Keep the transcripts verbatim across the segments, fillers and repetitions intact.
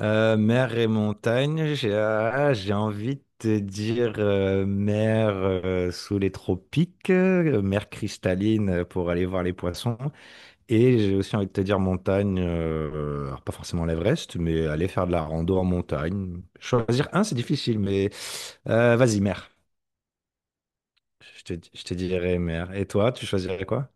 Euh, mer et montagne, j'ai ah, j'ai envie de te dire euh, mer euh, sous les tropiques, euh, mer cristalline euh, pour aller voir les poissons. Et j'ai aussi envie de te dire montagne, euh, alors pas forcément l'Everest, mais aller faire de la rando en montagne. Choisir un, c'est difficile, mais euh, vas-y, mer. Je te, je te dirais mer. Et toi, tu choisirais quoi?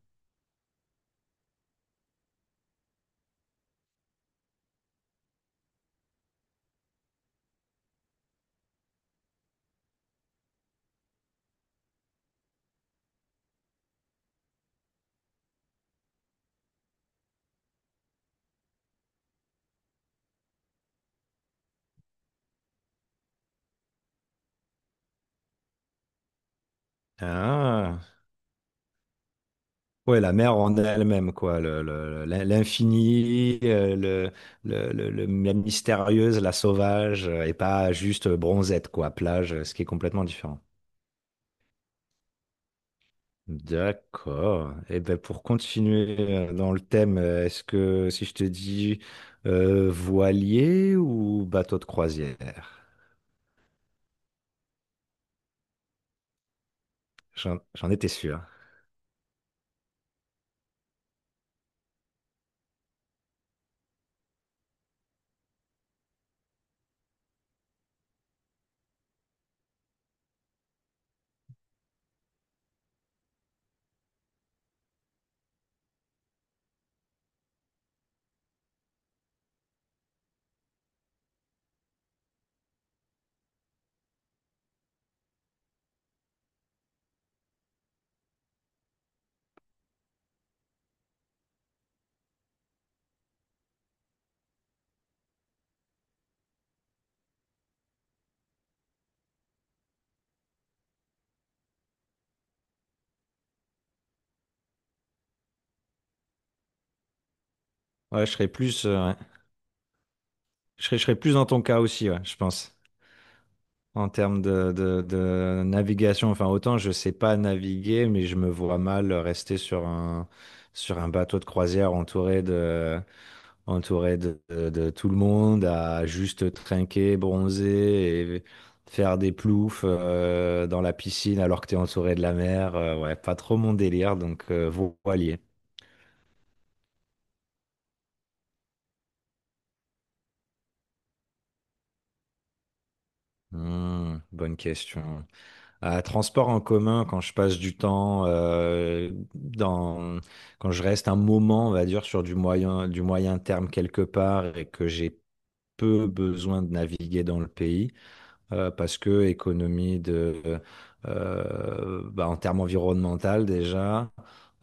Ah. Ouais, la mer en elle-même, quoi. Le, le- le- l'infini, euh, le, le, le- le- la mystérieuse, la sauvage, euh, et pas juste euh, bronzette, quoi, plage, euh, ce qui est complètement différent. D'accord. Et ben pour continuer euh, dans le thème, euh, est-ce que si je te dis euh, voilier ou bateau de croisière? J'en j'en étais sûr. Ouais, je serais plus, euh, ouais. je serais, je serais plus dans ton cas aussi, ouais, je pense. En termes de, de- de navigation. Enfin, autant je sais pas naviguer, mais je me vois mal rester sur un, sur un bateau de croisière entouré de, entouré de, de- de tout le monde, à juste trinquer, bronzer et faire des ploufs euh, dans la piscine alors que tu es entouré de la mer. Euh, ouais, pas trop mon délire, donc euh, voilier. Hmm, bonne question. À transport en commun, quand je passe du temps, euh, dans, quand je reste un moment, on va dire, sur du moyen, du moyen terme quelque part et que j'ai peu besoin de naviguer dans le pays, euh, parce que économie de, euh, bah, en termes environnemental déjà,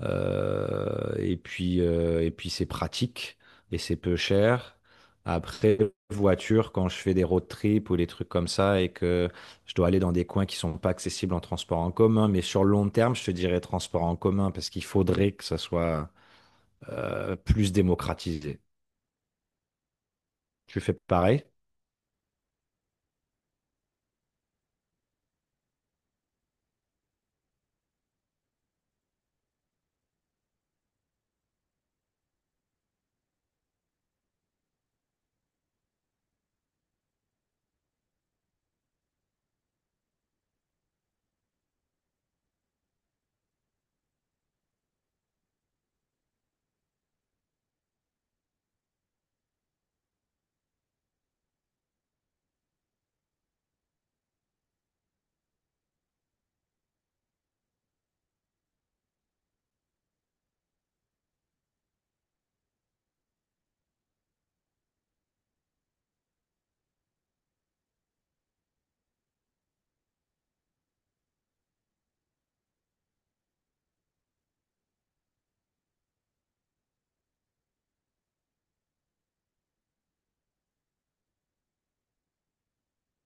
euh, et puis, euh, et puis c'est pratique et c'est peu cher. Après, voiture, quand je fais des road trips ou des trucs comme ça et que je dois aller dans des coins qui sont pas accessibles en transport en commun, mais sur le long terme, je te dirais transport en commun parce qu'il faudrait que ça soit euh, plus démocratisé. Tu fais pareil?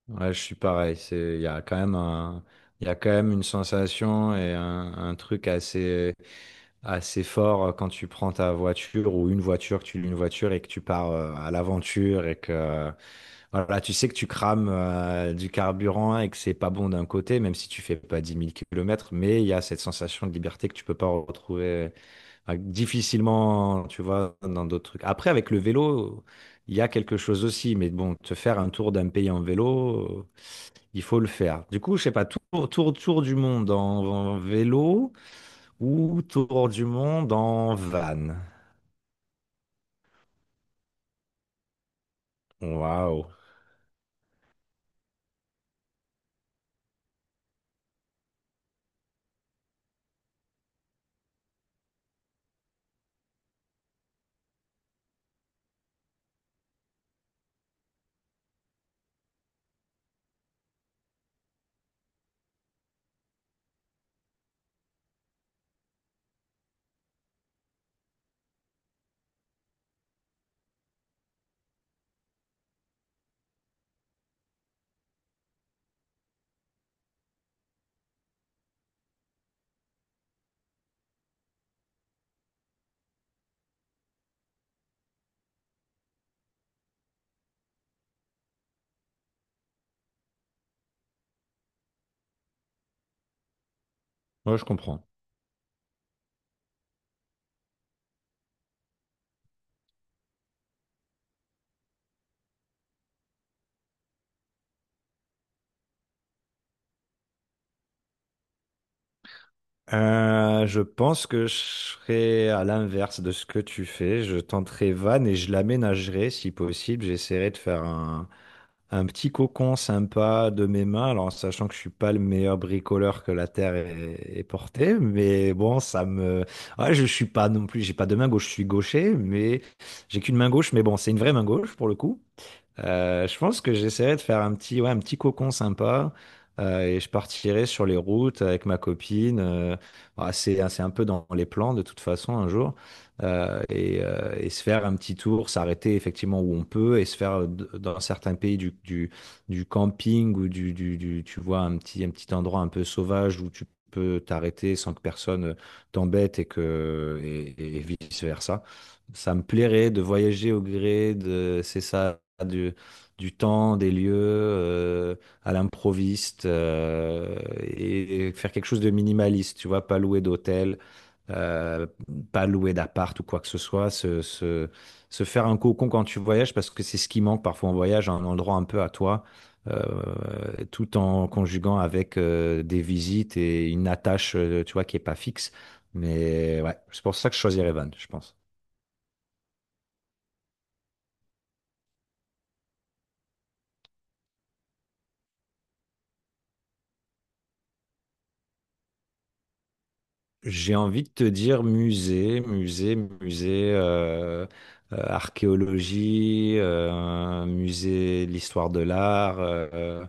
Ouais, je suis pareil. C'est, il y a quand même un, il y a quand même une sensation et un, un truc assez, assez fort euh, quand tu prends ta voiture ou une voiture, que tu loues une voiture et que tu pars euh, à l'aventure et que, voilà, tu sais que tu crames euh, du carburant et que c'est pas bon d'un côté, même si tu fais pas dix mille kilomètres, mais il y a cette sensation de liberté que tu peux pas retrouver ah, difficilement, tu vois, dans d'autres trucs. Après, avec le vélo, il y a quelque chose aussi, mais bon, te faire un tour d'un pays en vélo, euh, il faut le faire. Du coup, je sais pas, tour, tour, tour du monde en, en vélo ou tour du monde en van. Waouh. Moi, je comprends. Euh, je pense que je serais à l'inverse de ce que tu fais. Je tenterai van et je l'aménagerai si possible. J'essaierai de faire un Un petit cocon sympa de mes mains, alors en sachant que je suis pas le meilleur bricoleur que la terre ait, ait porté, mais bon, ça me, ouais, je suis pas non plus, j'ai pas de main gauche, je suis gaucher, mais j'ai qu'une main gauche, mais bon, c'est une vraie main gauche pour le coup. Euh, je pense que j'essaierai de faire un petit, ouais, un petit cocon sympa euh, et je partirai sur les routes avec ma copine. Euh, bah, c'est, hein, c'est un peu dans les plans de toute façon un jour euh, et, euh, et se faire un petit tour, s'arrêter effectivement où on peut et se faire euh, d- dans certains pays du, du, du camping ou du, du, du- tu vois, un petit, un petit endroit un peu sauvage où tu peux t'arrêter sans que personne euh, t'embête et que et, et vice versa. Ça me plairait de voyager au gré de, C'est ça, du, du temps, des lieux, euh, à l'improviste, euh, et, et faire quelque chose de minimaliste, tu vois, pas louer d'hôtel, euh, pas louer d'appart ou quoi que ce soit, se, se, se faire un cocon quand tu voyages, parce que c'est ce qui manque parfois en voyage, un endroit un peu à toi, euh, tout en conjuguant avec euh, des visites et une attache, euh, tu vois, qui est pas fixe. Mais ouais, c'est pour ça que je choisirais van, je pense. J'ai envie de te dire musée, musée, musée, euh, euh, archéologie, euh, musée de l'histoire de l'art, euh,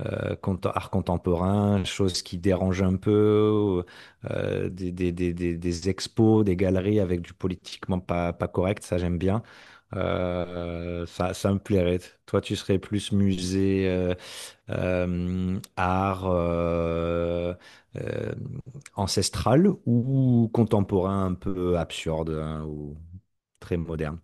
euh, conte- art contemporain, choses qui dérangent un peu, euh, des, des, des, des, des expos, des galeries avec du politiquement pas, pas correct, ça j'aime bien. Euh, ça, ça me plairait. Toi, tu serais plus musée, euh, euh, art euh, euh, ancestral ou contemporain un peu absurde hein, ou très moderne.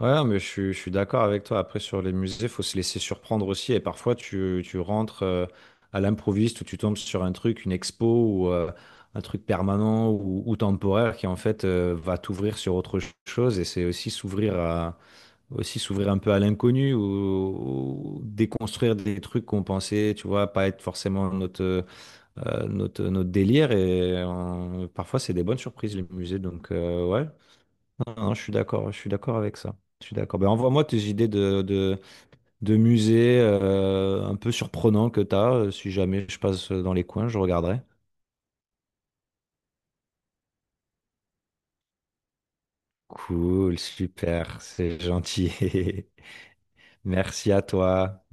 Ouais, ouais, mais je suis, je suis d'accord avec toi. Après, sur les musées, faut se laisser surprendre aussi. Et parfois, tu, tu rentres euh, à l'improviste ou tu tombes sur un truc, une expo ou euh, un truc permanent ou, ou temporaire qui, en fait, euh, va t'ouvrir sur autre ch- chose. Et c'est aussi s'ouvrir à, aussi s'ouvrir un peu à l'inconnu ou, ou déconstruire des trucs qu'on pensait, tu vois, pas être forcément notre, euh, notre, notre délire. Et euh, parfois, c'est des bonnes surprises, les musées. Donc, euh, ouais, non, je suis d'accord, je suis d'accord avec ça. Je suis d'accord. Ben, envoie-moi tes idées de, de, de musées euh, un peu surprenants que tu as. Si jamais je passe dans les coins, je regarderai. Cool, super, c'est gentil. Merci à toi.